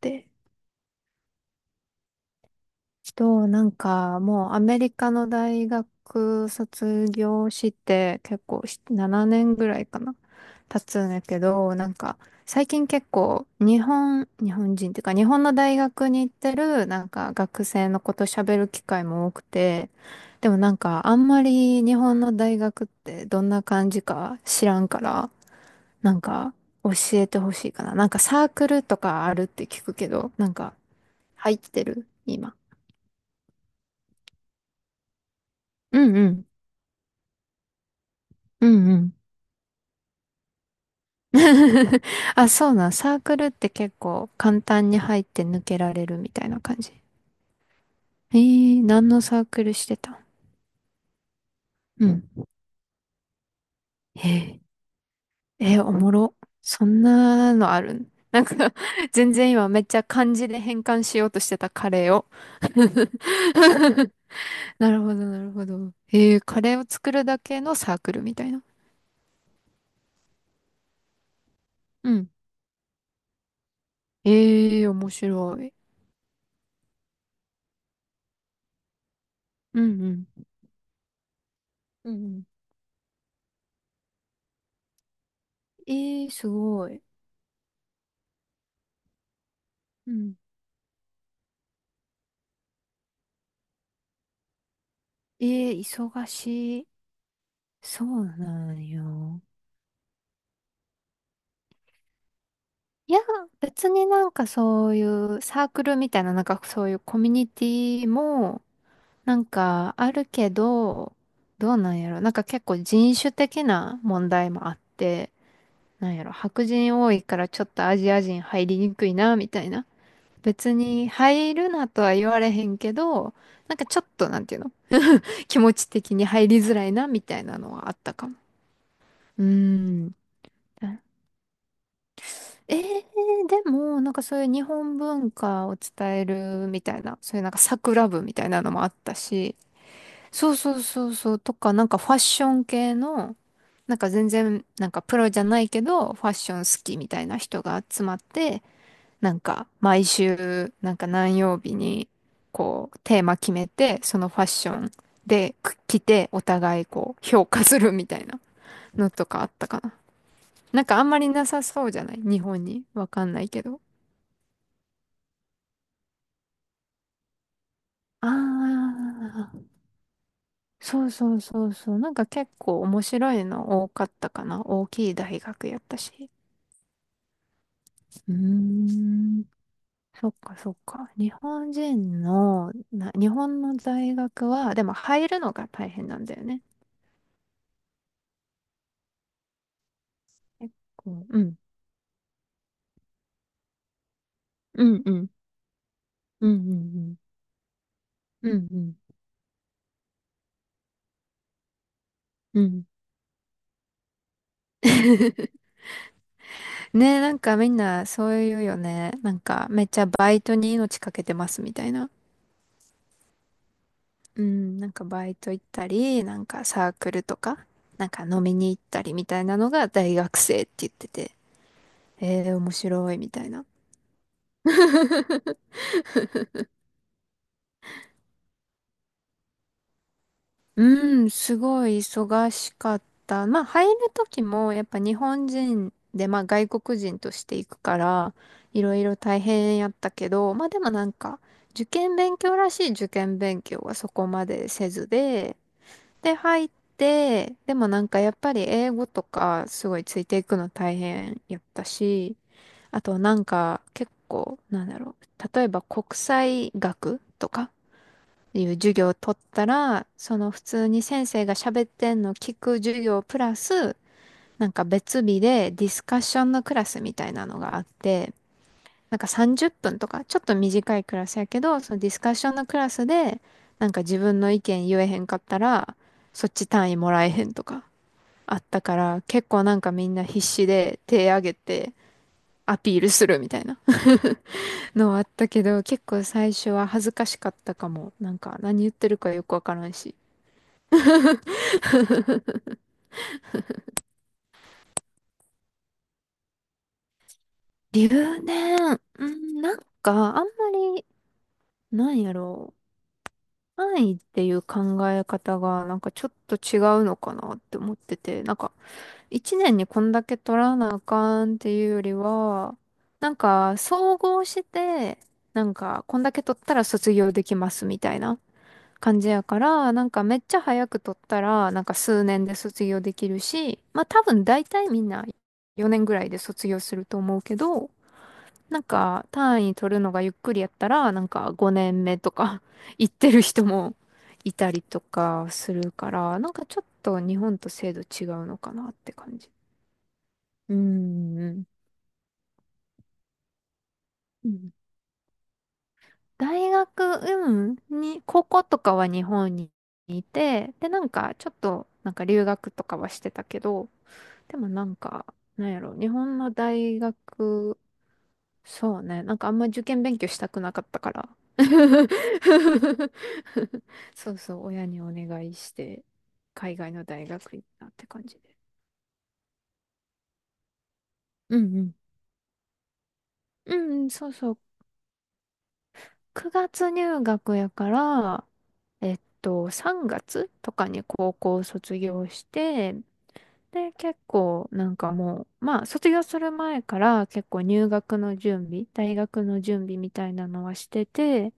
で、と、なんか、もうアメリカの大学卒業して結構7年ぐらいかな、経つんだけど、最近結構日本人っていうか日本の大学に行ってるなんか学生のこと喋る機会も多くて、でもなんかあんまり日本の大学ってどんな感じか知らんから、なんか教えてほしいかな。なんかサークルとかあるって聞くけど、なんか入ってる今。うんうん。うんうん。あ、そうなん。サークルって結構簡単に入って抜けられるみたいな感じ。えー、何のサークルしてたん？うん。えー、おもろ。そんなのあるん？ なんか 全然今めっちゃ漢字で変換しようとしてたカレーを。 なるほど、なるほど。えー、カレーを作るだけのサークルみたいな。うん。えー、面白い。うんうん。うんうん。えー、すごい。うん、ええ忙しい。そうなんよ。いや、別になんかそういうサークルみたいな、なんかそういうコミュニティも、なんかあるけど、どうなんやろ。なんか結構人種的な問題もあって、なんやろ。白人多いからちょっとアジア人入りにくいな、みたいな。別に入るなとは言われへんけど、なんかちょっとなんていうの？ 気持ち的に入りづらいな、みたいなのはあったかも。うーん。ええでも、なんかそういう日本文化を伝えるみたいな、そういうなんか桜部みたいなのもあったし、そうそうそうそう、とか、なんかファッション系の、なんか全然、なんかプロじゃないけど、ファッション好きみたいな人が集まって、なんか毎週、なんか何曜日に、こう、テーマ決めて、そのファッションでく着て、お互いこう、評価するみたいなのとかあったかな。なんかあんまりなさそうじゃない日本に。わかんないけど。ああ、そうそうそうそう。なんか結構面白いの多かったかな。大きい大学やったし。うーん。そっかそっか。日本の大学は、でも入るのが大変なんだよね。結構、うん。うんうん。うんうんうん。うんうん。うん。ねえ、なんかみんなそういうよね。なんかめっちゃバイトに命かけてますみたいな。うん、なんかバイト行ったり、なんかサークルとか、なんか飲みに行ったりみたいなのが大学生って言ってて、えー、面白いみたいな。うん、すごい忙しかった。まあ入る時もやっぱ日本人で、まあ外国人として行くから、いろいろ大変やったけど、まあでもなんか、受験勉強らしい受験勉強はそこまでせずで、で、入って、でもなんかやっぱり英語とかすごいついていくの大変やったし、あとなんか結構、なんだろう、例えば国際学とかいう授業を取ったら、その普通に先生が喋ってんの聞く授業プラス、なんか別日でディスカッションのクラスみたいなのがあって、なんか30分とか、ちょっと短いクラスやけど、そのディスカッションのクラスで、なんか自分の意見言えへんかったら、そっち単位もらえへんとか、あったから、結構なんかみんな必死で手挙げてアピールするみたいな のあったけど、結構最初は恥ずかしかったかも。なんか何言ってるかよくわからんし。留年、うん、なんかあんまり、なんやろう。単位っていう考え方がなんかちょっと違うのかなって思ってて、なんか一年にこんだけ取らなあかんっていうよりは、なんか総合して、なんかこんだけ取ったら卒業できますみたいな感じやから、なんかめっちゃ早く取ったら、なんか数年で卒業できるし、まあ多分大体みんな4年ぐらいで卒業すると思うけど、なんか単位取るのがゆっくりやったら、なんか5年目とか 行ってる人もいたりとかするから、なんかちょっと日本と制度違うのかなって感じ。うーん。ん、うん、うん、高校とかは日本にいて、で、なんか、ちょっと、なんか留学とかはしてたけど、でもなんか、なんやろ、日本の大学、そうね、なんかあんま受験勉強したくなかったから。そうそう、親にお願いして、海外の大学行ったって感じで。うんうん。うんうん、そうそう。9月入学やから、3月とかに高校卒業して、で、結構なんかもう、まあ、卒業する前から結構入学の準備、大学の準備みたいなのはしてて、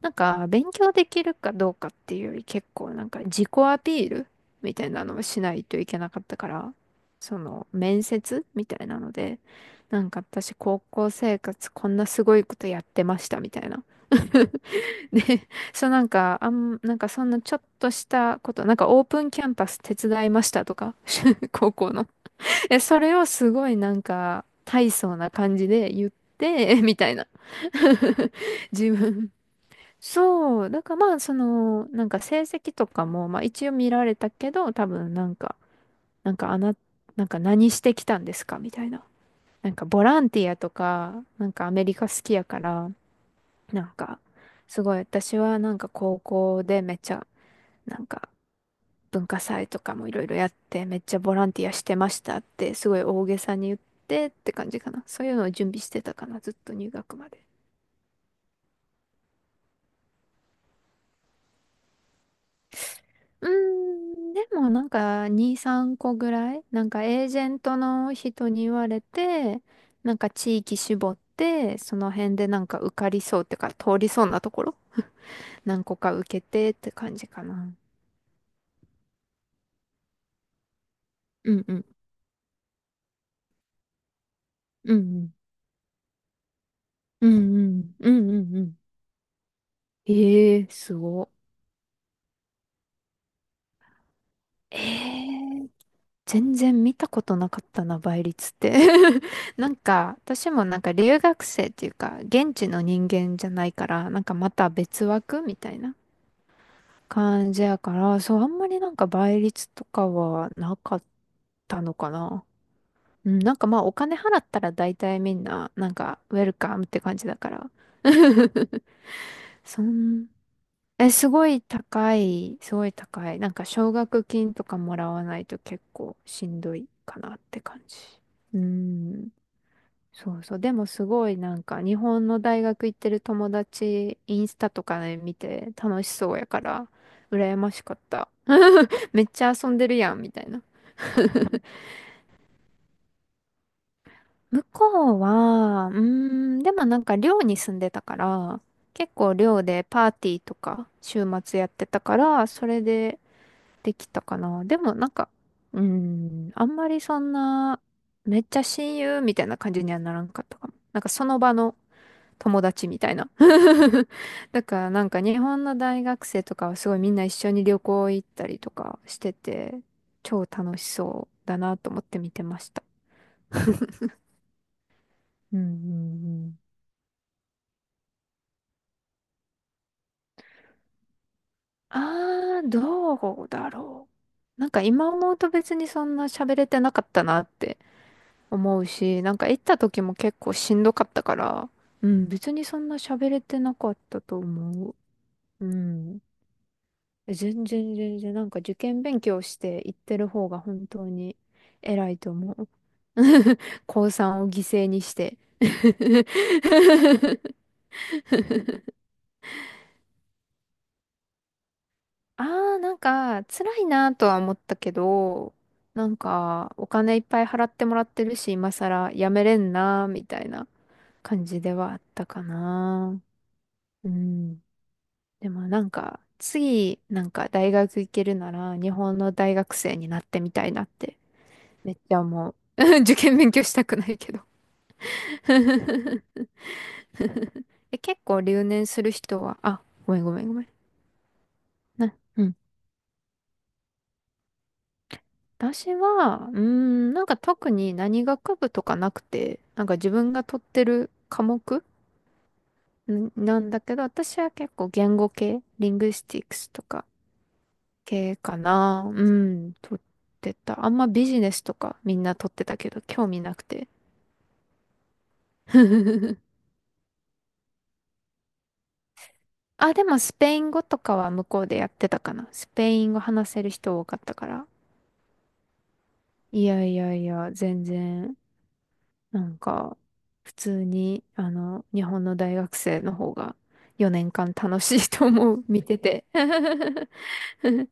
なんか勉強できるかどうかっていうより結構なんか自己アピールみたいなのをしないといけなかったから、その面接みたいなので、なんか私高校生活こんなすごいことやってましたみたいな。で、そうなんか、なんかそんなちょっとしたこと、なんかオープンキャンパス手伝いましたとか、高校の。え、それをすごいなんか大層な感じで言って、みたいな。自分。そう、だからまあその、なんか成績とかも、まあ一応見られたけど、多分なんか、なんかあな、なんか何してきたんですかみたいな。なんかボランティアとか、なんかアメリカ好きやから、なんか、すごい私はなんか高校でめっちゃ、なんか文化祭とかもいろいろやって、めっちゃボランティアしてましたって、すごい大げさに言って感じかな。そういうのを準備してたかな、ずっと入学まで。うーん、でもなんか2、3個ぐらい、なんかエージェントの人に言われて、なんか地域絞って、その辺でなんか受かりそうっていうか、通りそうなところ、何個か受けてって感じかな。うんうん。うんうんうんうんうんうんうん。ええすごええ全然見たことなかったな、倍率って。なんか、私もなんか留学生っていうか、現地の人間じゃないから、なんかまた別枠みたいな感じやから、そう、あんまりなんか倍率とかはなかったのかな。うん、なんかまあお金払ったら大体みんな、なんかウェルカムって感じだから。そんえ、すごい高い、すごい高い。なんか奨学金とかもらわないと結構しんどいかなって感じ。うーん。そうそう。でもすごいなんか日本の大学行ってる友達、インスタとかで見て楽しそうやから、羨ましかった。めっちゃ遊んでるやん、みたいな。向こうは、うーん、でもなんか寮に住んでたから、結構寮でパーティーとか週末やってたから、それでできたかな。でもなんか、うーん、あんまりそんな、めっちゃ親友みたいな感じにはならんかったかも。なんかその場の友達みたいな。だからなんか日本の大学生とかはすごいみんな一緒に旅行行ったりとかしてて、超楽しそうだなと思って見てました。うんうんうん。あー、どうだろう。今思うと別にそんな喋れてなかったなって思うし、なんか行った時も結構しんどかったから、うん、別にそんな喋れてなかったと思う。うん。全然全然、なんか受験勉強して行ってる方が本当に偉いと思う。高3を犠牲にして。ああ、なんか辛いなとは思ったけど、なんかお金いっぱい払ってもらってるし、今更やめれんなみたいな感じではあったかな。うん。でもなんか、次、なんか大学行けるなら、日本の大学生になってみたいなって、めっちゃ思う。受験勉強したくないけど。 え、結構留年する人は、あ、ごめんごめんごめん。な、うん。私は、なんか特に何学部とかなくて、なんか自分が取ってる科目んなんだけど、私は結構言語系、リングスティックスとか、系かな。うん、撮ってた。あんまビジネスとかみんな撮ってたけど、興味なくて。あ、でもスペイン語とかは向こうでやってたかな。スペイン語話せる人多かったから。いやいやいや、全然、なんか、普通に、あの、日本の大学生の方が4年間楽しいと思う、見てて。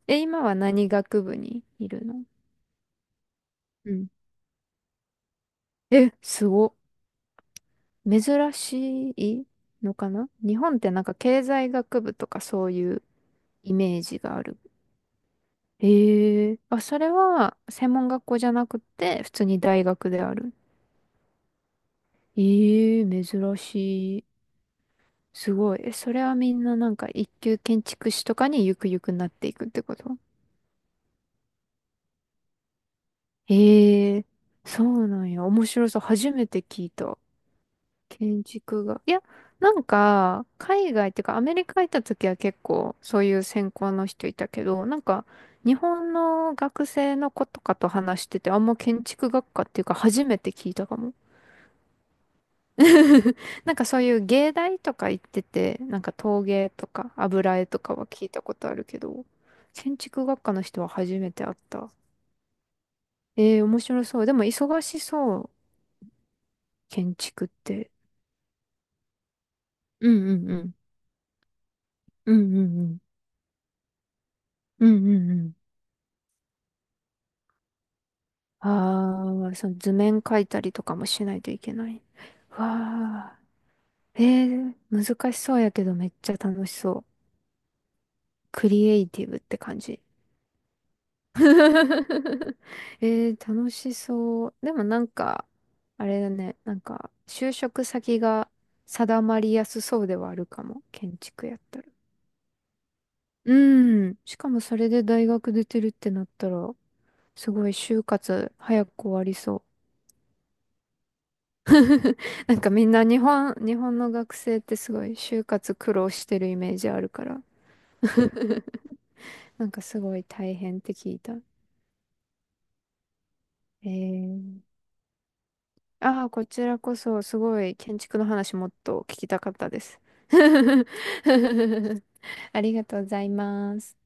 え、今は何学部にいるの？うん。え、すごっ。珍しいのかな、日本って。なんか経済学部とかそういうイメージがある。ええ、あ、それは専門学校じゃなくて普通に大学である。ええ、珍しい。すごい。え、それはみんななんか一級建築士とかにゆくゆくなっていくってこと？ええ、そうなんや。面白そう。初めて聞いた。建築が。いや、なんか、海外っていうか、アメリカ行った時は結構、そういう専攻の人いたけど、なんか、日本の学生の子とかと話してて、あんま建築学科っていうか、初めて聞いたかも。なんかそういう芸大とか行ってて、なんか陶芸とか油絵とかは聞いたことあるけど、建築学科の人は初めて会った。ええー、面白そう。でも忙しそう、建築って。うんうんうん。うんうんうん。うんうんうん。ああ、その図面描いたりとかもしないといけない。わあ、えー、難しそうやけどめっちゃ楽しそう。クリエイティブって感じ。えー、楽しそう。でもなんか、あれだね、なんか、就職先が定まりやすそうではあるかも。建築やったら。うん。しかもそれで大学出てるってなったら、すごい就活早く終わりそう。なんかみんな日本、日本の学生ってすごい就活苦労してるイメージあるから。なんかすごい大変って聞いた。えー、ああ、こちらこそすごい建築の話もっと聞きたかったです。ありがとうございます。